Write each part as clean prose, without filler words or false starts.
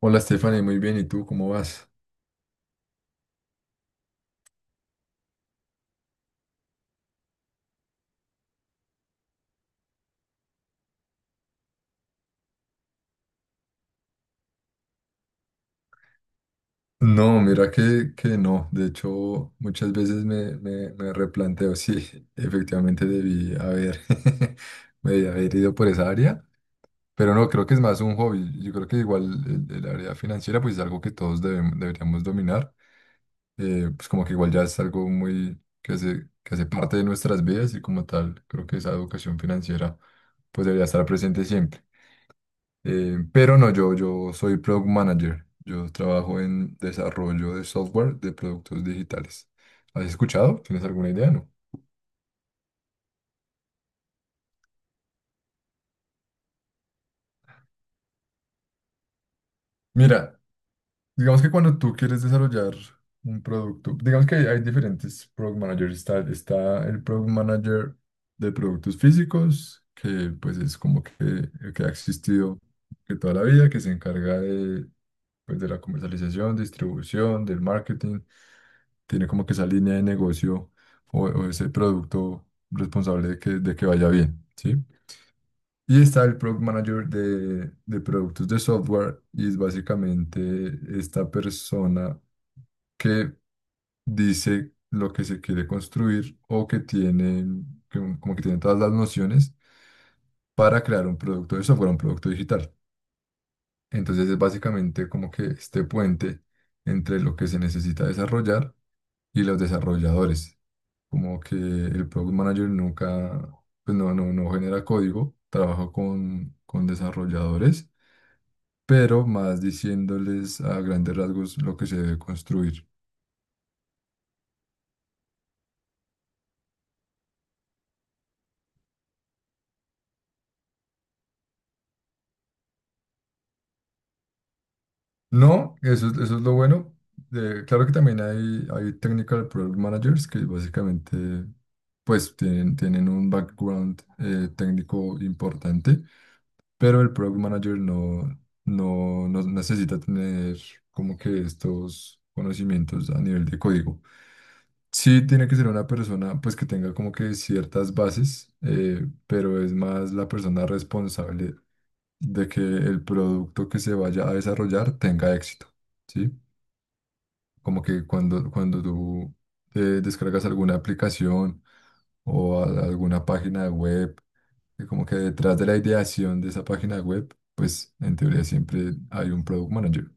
Hola Stephanie, muy bien, ¿y tú cómo vas? No, mira que no, de hecho muchas veces me replanteo si efectivamente debí haber, me haber ido por esa área, pero no, creo que es más un hobby, yo creo que igual el área financiera pues es algo que todos deberíamos dominar, pues como que igual ya es algo muy que hace parte de nuestras vidas y como tal creo que esa educación financiera pues debería estar presente siempre. Pero no, yo soy Product Manager. Yo trabajo en desarrollo de software de productos digitales. ¿Has escuchado? ¿Tienes alguna idea? No. Mira, digamos que cuando tú quieres desarrollar un producto, digamos que hay diferentes Product Managers. Está el Product Manager de productos físicos, que pues es como que, el que ha existido que toda la vida, que se encarga de, pues, de la comercialización, distribución, del marketing tiene como que esa línea de negocio o ese producto responsable de que vaya bien, ¿sí? Y está el Product Manager de productos de software y es básicamente esta persona que dice lo que se quiere construir o que tiene, como que tiene todas las nociones para crear un producto de software, un producto digital. Entonces es básicamente como que este puente entre lo que se necesita desarrollar y los desarrolladores. Como que el product manager nunca, pues no genera código, trabaja con desarrolladores, pero más diciéndoles a grandes rasgos lo que se debe construir. No, eso es lo bueno. Claro que también hay technical product managers que básicamente pues tienen un background técnico importante, pero el product manager no necesita tener como que estos conocimientos a nivel de código. Sí, tiene que ser una persona pues que tenga como que ciertas bases, pero es más la persona responsable de que el producto que se vaya a desarrollar tenga éxito, ¿sí? Como que cuando tú descargas alguna aplicación o alguna página web, que como que detrás de la ideación de esa página web, pues en teoría siempre hay un product manager.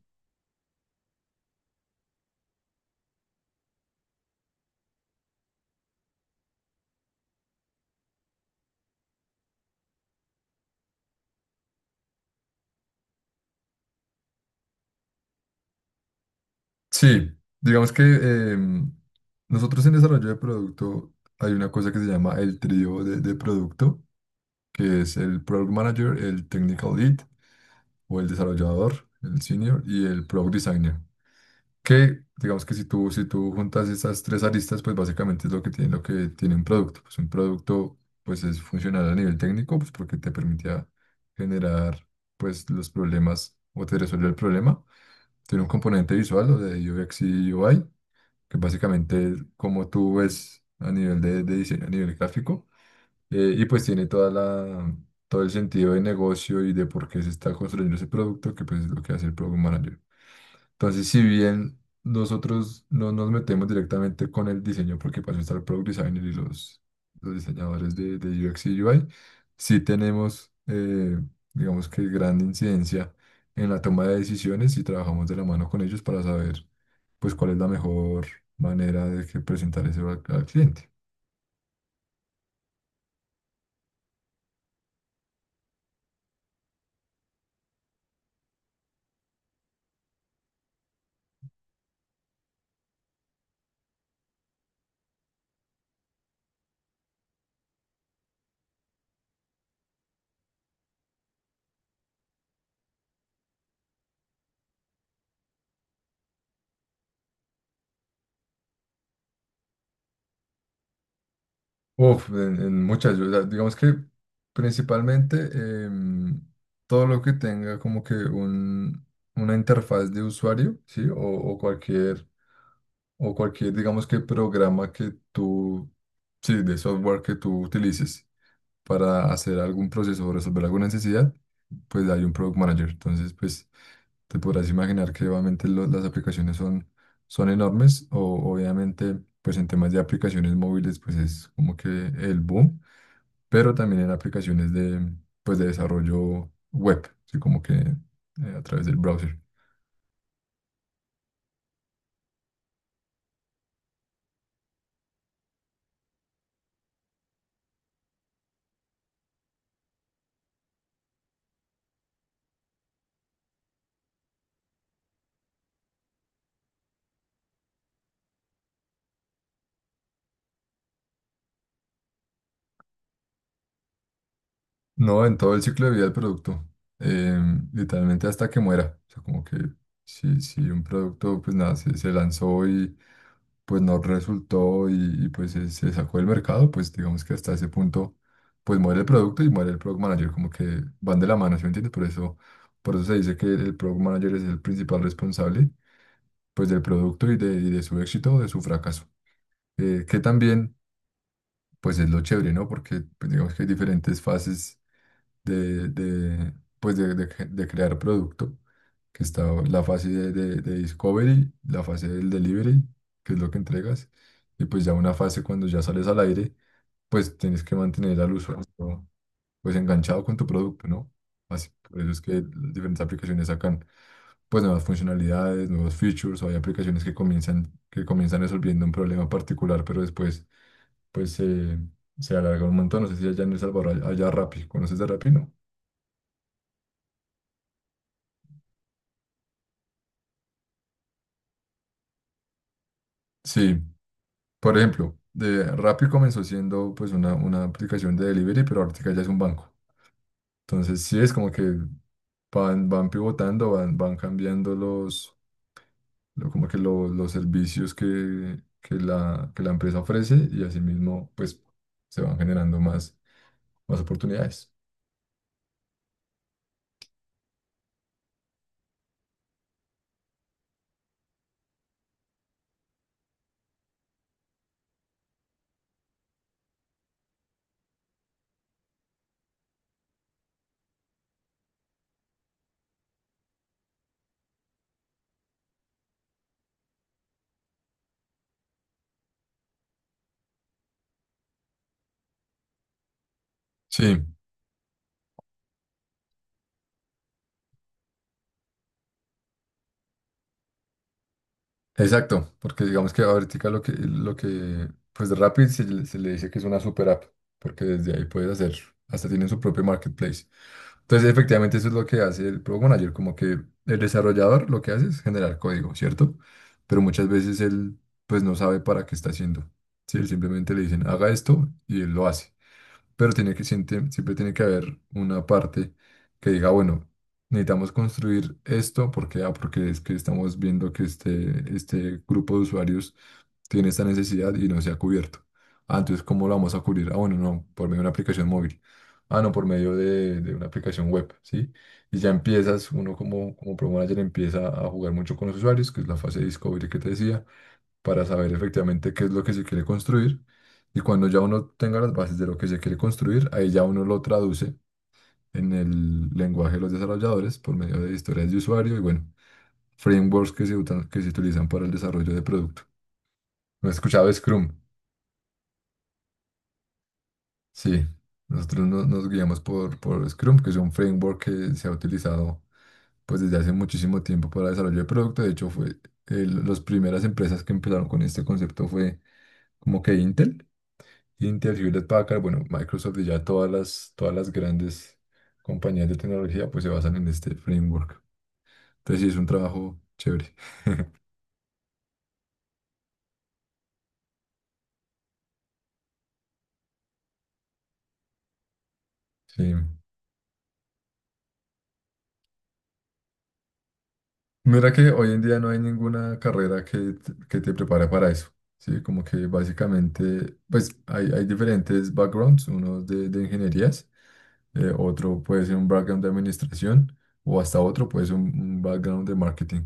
Sí, digamos que nosotros en desarrollo de producto hay una cosa que se llama el trío de producto, que es el product manager, el technical lead o el desarrollador, el senior y el product designer. Que digamos que si tú juntas esas tres aristas, pues básicamente es lo que tiene un producto. Pues un producto pues es funcional a nivel técnico, pues porque te permitía generar pues los problemas o te resuelve el problema. Tiene un componente visual o de UX y UI que básicamente es como tú ves a nivel de diseño, a nivel gráfico, y pues tiene toda todo el sentido de negocio y de por qué se está construyendo ese producto, que pues es lo que hace el Product Manager. Entonces, si bien nosotros no nos metemos directamente con el diseño, porque para eso está el Product Designer y los diseñadores de UX y UI, sí tenemos, digamos que gran incidencia en la toma de decisiones y trabajamos de la mano con ellos para saber pues cuál es la mejor manera de que presentar eso al cliente. Uf, en muchas, digamos que principalmente em, todo lo que tenga como que un, una interfaz de usuario, ¿sí? O cualquier, digamos que programa que tú, sí, de software que tú utilices para hacer algún proceso o resolver alguna necesidad, pues hay un product manager. Entonces, pues... te podrás imaginar que obviamente las aplicaciones son, son enormes o obviamente pues en temas de aplicaciones móviles pues es como que el boom, pero también en aplicaciones de pues de desarrollo web, así como que a través del browser. No, en todo el ciclo de vida del producto. eh, literalmente hasta que muera. O sea, como que si, si un producto, pues nada, se lanzó y pues no resultó pues se sacó del mercado, pues digamos que hasta ese punto, pues muere el producto y muere el product manager. Como que van de la mano, ¿sí me entiendes? Por eso se dice que el product manager es el principal responsable, pues del producto y de su éxito o de su fracaso. Que también, pues es lo chévere, ¿no? Porque pues, digamos que hay diferentes fases de, de, pues de crear producto, que está la fase de discovery, la fase del delivery, que es lo que entregas, y pues ya una fase cuando ya sales al aire, pues tienes que mantener al usuario pues enganchado con tu producto, ¿no? Así, por eso es que las diferentes aplicaciones sacan pues nuevas funcionalidades, nuevos features, o hay aplicaciones que comienzan resolviendo un problema particular, pero después pues se, se alarga un montón. No sé si allá en El Salvador haya Rappi, ¿conoces de Rappi, no? Sí, por ejemplo, de Rappi comenzó siendo pues una aplicación de delivery, pero ahorita ya es un banco. Entonces sí es como que van, van pivotando, van cambiando los, lo- como que lo- los servicios que la empresa ofrece y asimismo pues se van generando más oportunidades. Sí. Exacto, porque digamos que ahorita pues Rapid se le dice que es una super app, porque desde ahí puedes hacer, hasta tienen su propio marketplace. Entonces, efectivamente, eso es lo que hace el Product Manager, como que el desarrollador lo que hace es generar código, ¿cierto? Pero muchas veces él, pues no sabe para qué está haciendo. Sí, él simplemente le dicen, haga esto y él lo hace, pero tiene que, siempre, siempre tiene que haber una parte que diga, bueno, necesitamos construir esto porque, ah, porque es que estamos viendo que este grupo de usuarios tiene esta necesidad y no se ha cubierto. Ah, entonces, ¿cómo lo vamos a cubrir? Ah, bueno, no, por medio de una aplicación móvil. Ah, no, por medio de una aplicación web, ¿sí? Y ya empiezas, uno como, como Pro Manager empieza a jugar mucho con los usuarios, que es la fase de discovery que te decía para saber efectivamente qué es lo que se quiere construir. Y cuando ya uno tenga las bases de lo que se quiere construir, ahí ya uno lo traduce en el lenguaje de los desarrolladores por medio de historias de usuario y bueno, frameworks que se utilizan para el desarrollo de producto. ¿No he escuchado Scrum? Sí, nosotros nos guiamos por Scrum, que es un framework que se ha utilizado pues desde hace muchísimo tiempo para el desarrollo de producto. De hecho, fue las primeras empresas que empezaron con este concepto fue como que Intel. Intel, Hewlett Packard, bueno, Microsoft y ya todas las grandes compañías de tecnología pues se basan en este framework. Entonces sí, es un trabajo chévere. Sí. Mira que hoy en día no hay ninguna carrera que te prepare para eso. Sí, como que básicamente, pues hay diferentes backgrounds, uno de ingenierías, otro puede ser un background de administración o hasta otro puede ser un background de marketing.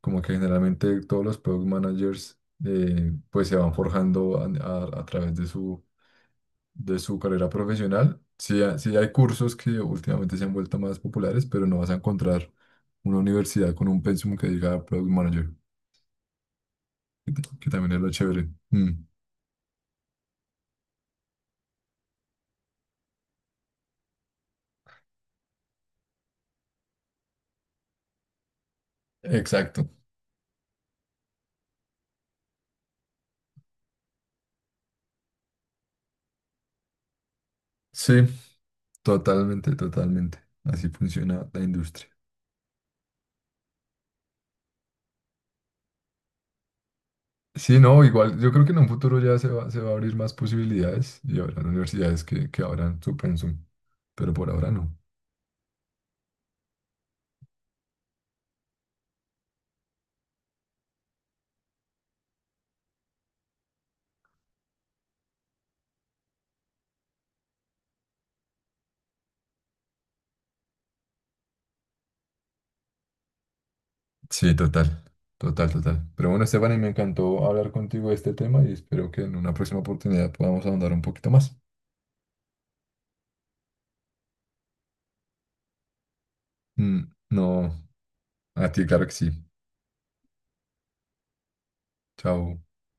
Como que generalmente todos los product managers pues se van forjando a través de su carrera profesional. Sí, sí hay cursos que últimamente se han vuelto más populares, pero no vas a encontrar una universidad con un pensum que diga product manager, que también es lo chévere. Mm, exacto. Sí, totalmente, totalmente. Así funciona la industria. Sí, no, igual yo creo que en un futuro ya se va a abrir más posibilidades y habrá universidades que abran su pensum, pero por ahora no. Sí, total, total, total. Pero bueno, Esteban, y me encantó hablar contigo de este tema y espero que en una próxima oportunidad podamos ahondar un poquito más. Mm, no, a ti, claro que sí. Chao.